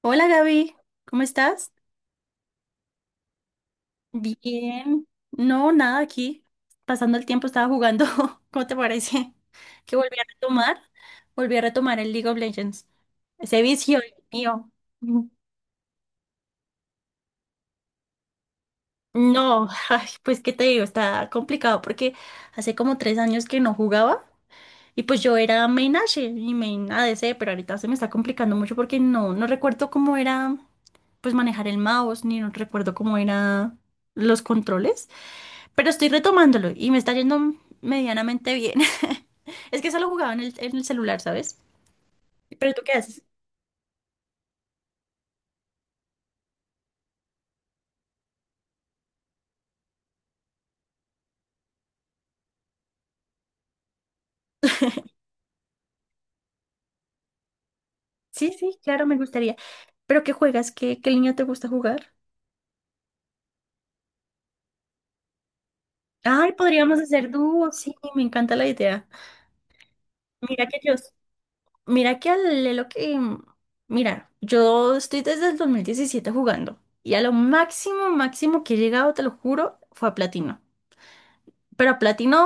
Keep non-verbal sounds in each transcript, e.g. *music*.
Hola Gaby, ¿cómo estás? Bien. No, nada aquí. Pasando el tiempo estaba jugando. *laughs* ¿Cómo te parece? Que volví a retomar. Volví a retomar el League of Legends. Ese vicio, Dios mío. Mm. No, *laughs* ay, pues qué te digo, está complicado porque hace como 3 años que no jugaba y pues yo era main Ashe y main ADC, pero ahorita se me está complicando mucho porque no recuerdo cómo era pues manejar el mouse, ni no recuerdo cómo era los controles. Pero estoy retomándolo y me está yendo medianamente bien. *laughs* Es que solo jugaba en el celular, ¿sabes? ¿Pero tú qué haces? Sí, sí, claro, me gustaría. ¿Pero qué juegas? ¿Qué línea te gusta jugar? Ay, podríamos hacer dúo, sí, me encanta la idea. Mira que yo, mira que al Lelo que, yo estoy desde el 2017 jugando y a lo máximo, máximo que he llegado, te lo juro, fue a platino, pero platino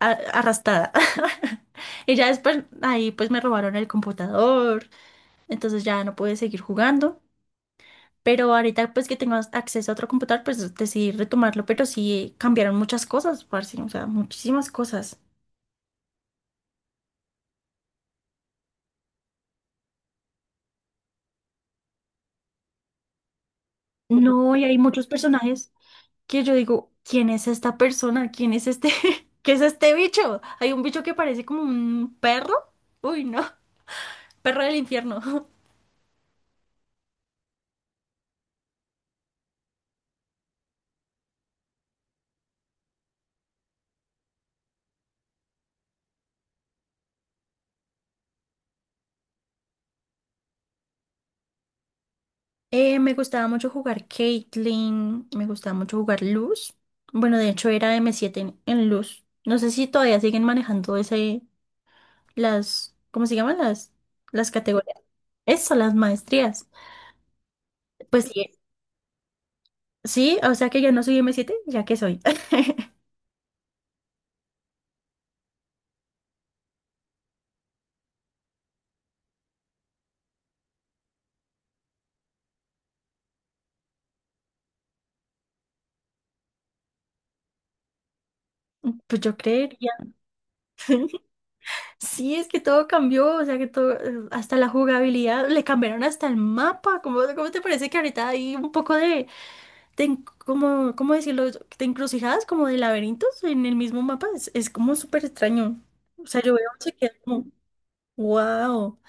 arrastrada. *laughs* Y ya después ahí pues me robaron el computador, entonces ya no pude seguir jugando. Pero ahorita pues que tengo acceso a otro computador, pues decidí retomarlo, pero sí cambiaron muchas cosas, parce, o sea, muchísimas cosas. No, y hay muchos personajes que yo digo, ¿quién es esta persona? ¿Quién es este? *laughs* ¿Qué es este bicho? Hay un bicho que parece como un perro. Uy, no, perro del infierno. Me gustaba mucho jugar Caitlyn, me gustaba mucho jugar Luz. Bueno, de hecho era M7 en Luz. No sé si todavía siguen manejando ese, las, ¿cómo se llaman? Las categorías. Eso, las maestrías. Pues sí, sí, o sea que ya no soy M7 ya que soy. *laughs* Pues yo creería. Sí, es que todo cambió, o sea que todo, hasta la jugabilidad, le cambiaron hasta el mapa. ¿Cómo te parece que ahorita hay un poco de ¿cómo decirlo? Te encrucijadas como de laberintos en el mismo mapa. Es como súper extraño. O sea, yo veo se queda como, wow.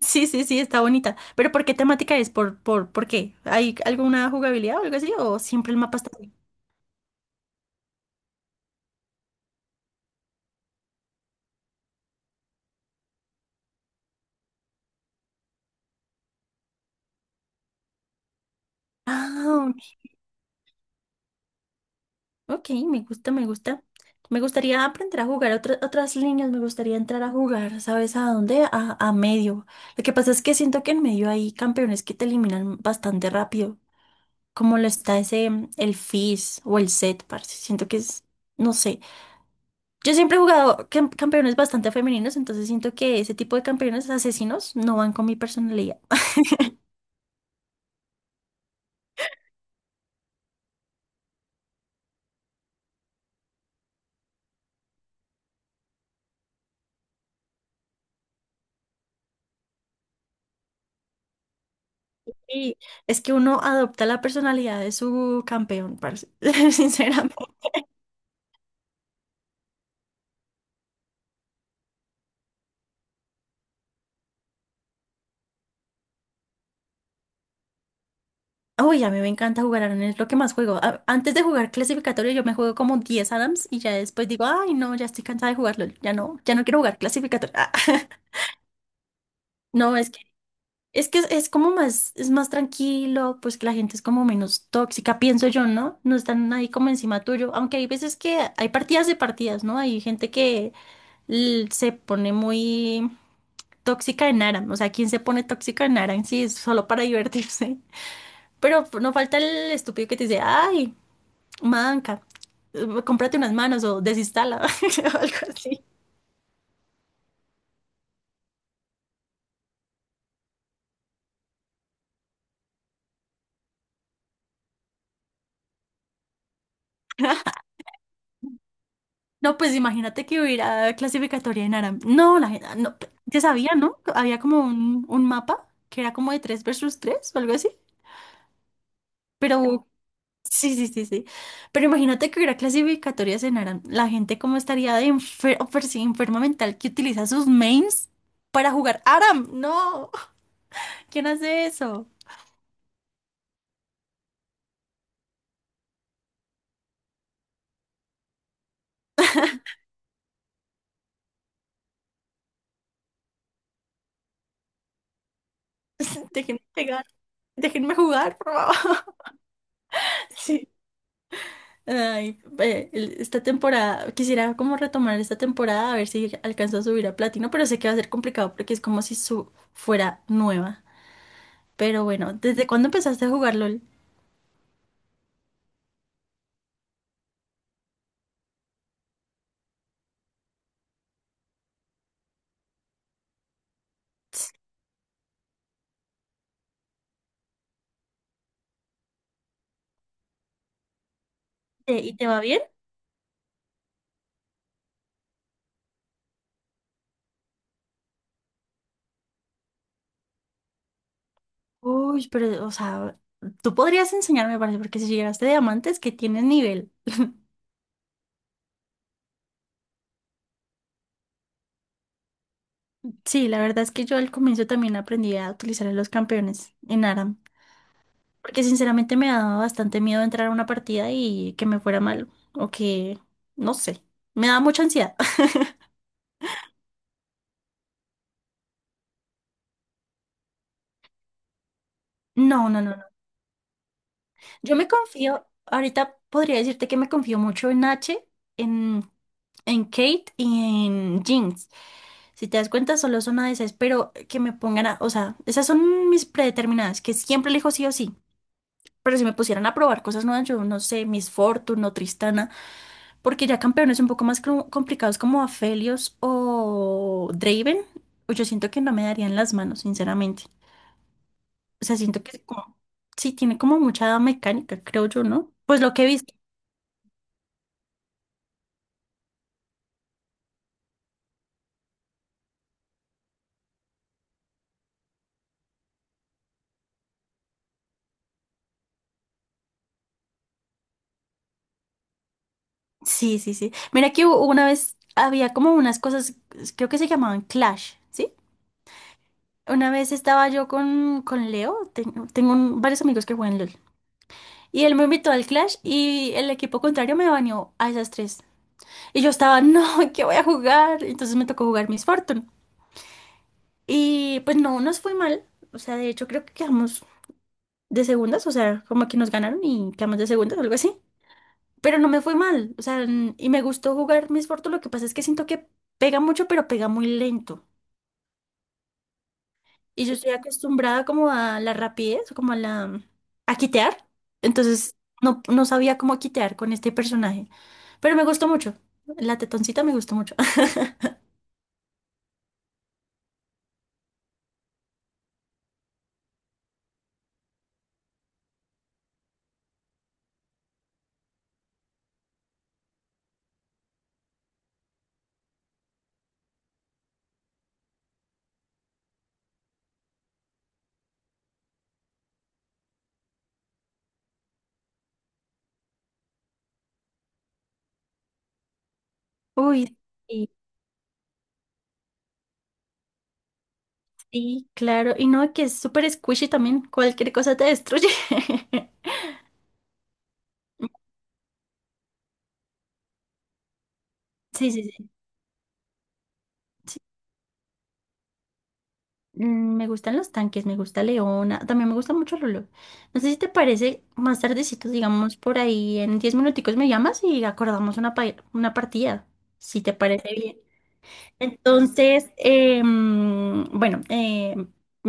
Sí, sí, sí, está bonita. Pero ¿por qué temática es? ¿Por qué? ¿Hay alguna jugabilidad o algo así? ¿O siempre el mapa está así? Ah, ok, me gusta, me gusta. Me gustaría aprender a jugar otras líneas, me gustaría entrar a jugar, ¿sabes a dónde? A medio. Lo que pasa es que siento que en medio hay campeones que te eliminan bastante rápido, como lo está ese, el Fizz o el set, parce. Siento que es, no sé. Yo siempre he jugado campeones bastante femeninos, entonces siento que ese tipo de campeones asesinos no van con mi personalidad. Y es que uno adopta la personalidad de su campeón, parce. *laughs* Sinceramente. Uy, a mí me encanta jugar Adams, es lo que más juego. Antes de jugar clasificatorio, yo me juego como 10 Adams y ya después digo, ay, no, ya estoy cansada de jugarlo, ya no, ya no quiero jugar clasificatorio. *laughs* No, es. Es que es como más, es más tranquilo, pues que la gente es como menos tóxica, pienso yo, ¿no? No están ahí como encima tuyo, aunque hay veces que hay partidas de partidas, ¿no? Hay gente que se pone muy tóxica en Aram, o sea, ¿quién se pone tóxica en Aram? Sí, es solo para divertirse. *laughs* Pero no falta el estúpido que te dice, ay, manca, cómprate unas manos o desinstala, *laughs* o algo así. No, pues imagínate que hubiera clasificatoria en árabe. No, la gente, no, ya sabía, ¿no? Había como un mapa que era como de 3 versus 3 o algo así. Pero sí, sí, sí, sí. Pero imagínate que hubiera clasificatorias en árabe. La gente como estaría de sí, enferma mental que utiliza sus mains para jugar Aram. No, ¿quién hace eso? *laughs* Déjenme pegar, déjenme jugar. *laughs* Sí. Ay, ve, esta temporada, quisiera como retomar esta temporada a ver si alcanzo a subir a platino, pero sé que va a ser complicado porque es como si su fuera nueva. Pero bueno, ¿desde cuándo empezaste a jugar LOL? ¿Y te va bien? Uy, pero, o sea, tú podrías enseñarme, parece, porque si llegaste a diamantes, que tienes nivel. Sí, la verdad es que yo al comienzo también aprendí a utilizar a los campeones en ARAM, porque sinceramente me daba bastante miedo entrar a una partida y que me fuera mal, o que, no sé, me daba mucha ansiedad. No, no, no, no. Yo me confío, ahorita podría decirte que me confío mucho en H, en, en Kate y en Jinx. Si te das cuenta, solo son una de esas, pero que me pongan a, o sea, esas son mis predeterminadas, que siempre elijo sí o sí. Pero si me pusieran a probar cosas nuevas, yo no sé, Miss Fortune o Tristana, porque ya campeones un poco más complicados como Aphelios o Draven, pues yo siento que no me darían las manos, sinceramente. O sea, siento que es como, sí, tiene como mucha mecánica, creo yo, ¿no? Pues lo que he visto. Sí, sí, sí. Mira que una vez había como unas cosas, creo que se llamaban Clash, ¿sí? Una vez estaba yo con Leo, tengo varios amigos que juegan LOL, y él me invitó al Clash y el equipo contrario me baneó a esas tres. Y yo estaba, *laughs* no, ¿qué voy a jugar? Entonces me tocó jugar Miss Fortune. Y pues no, nos fue mal. O sea, de hecho creo que quedamos de segundas, o sea, como que nos ganaron y quedamos de segundas o algo así, pero no me fue mal, o sea, y me gustó jugar Miss Fortune, lo que pasa es que siento que pega mucho, pero pega muy lento. Y yo estoy acostumbrada como a la rapidez, como a la, a quitear, entonces no, no sabía cómo quitear con este personaje, pero me gustó mucho, la tetoncita me gustó mucho. *laughs* Uy, sí, sí, claro, y no, que es súper squishy también, cualquier cosa te destruye. *laughs* Sí, sí, sí. Me gustan los tanques, me gusta Leona, también me gusta mucho Lolo. No sé si te parece, más tardecito, digamos por ahí, en 10 minuticos me llamas y acordamos una partida, si te parece bien. Entonces, bueno.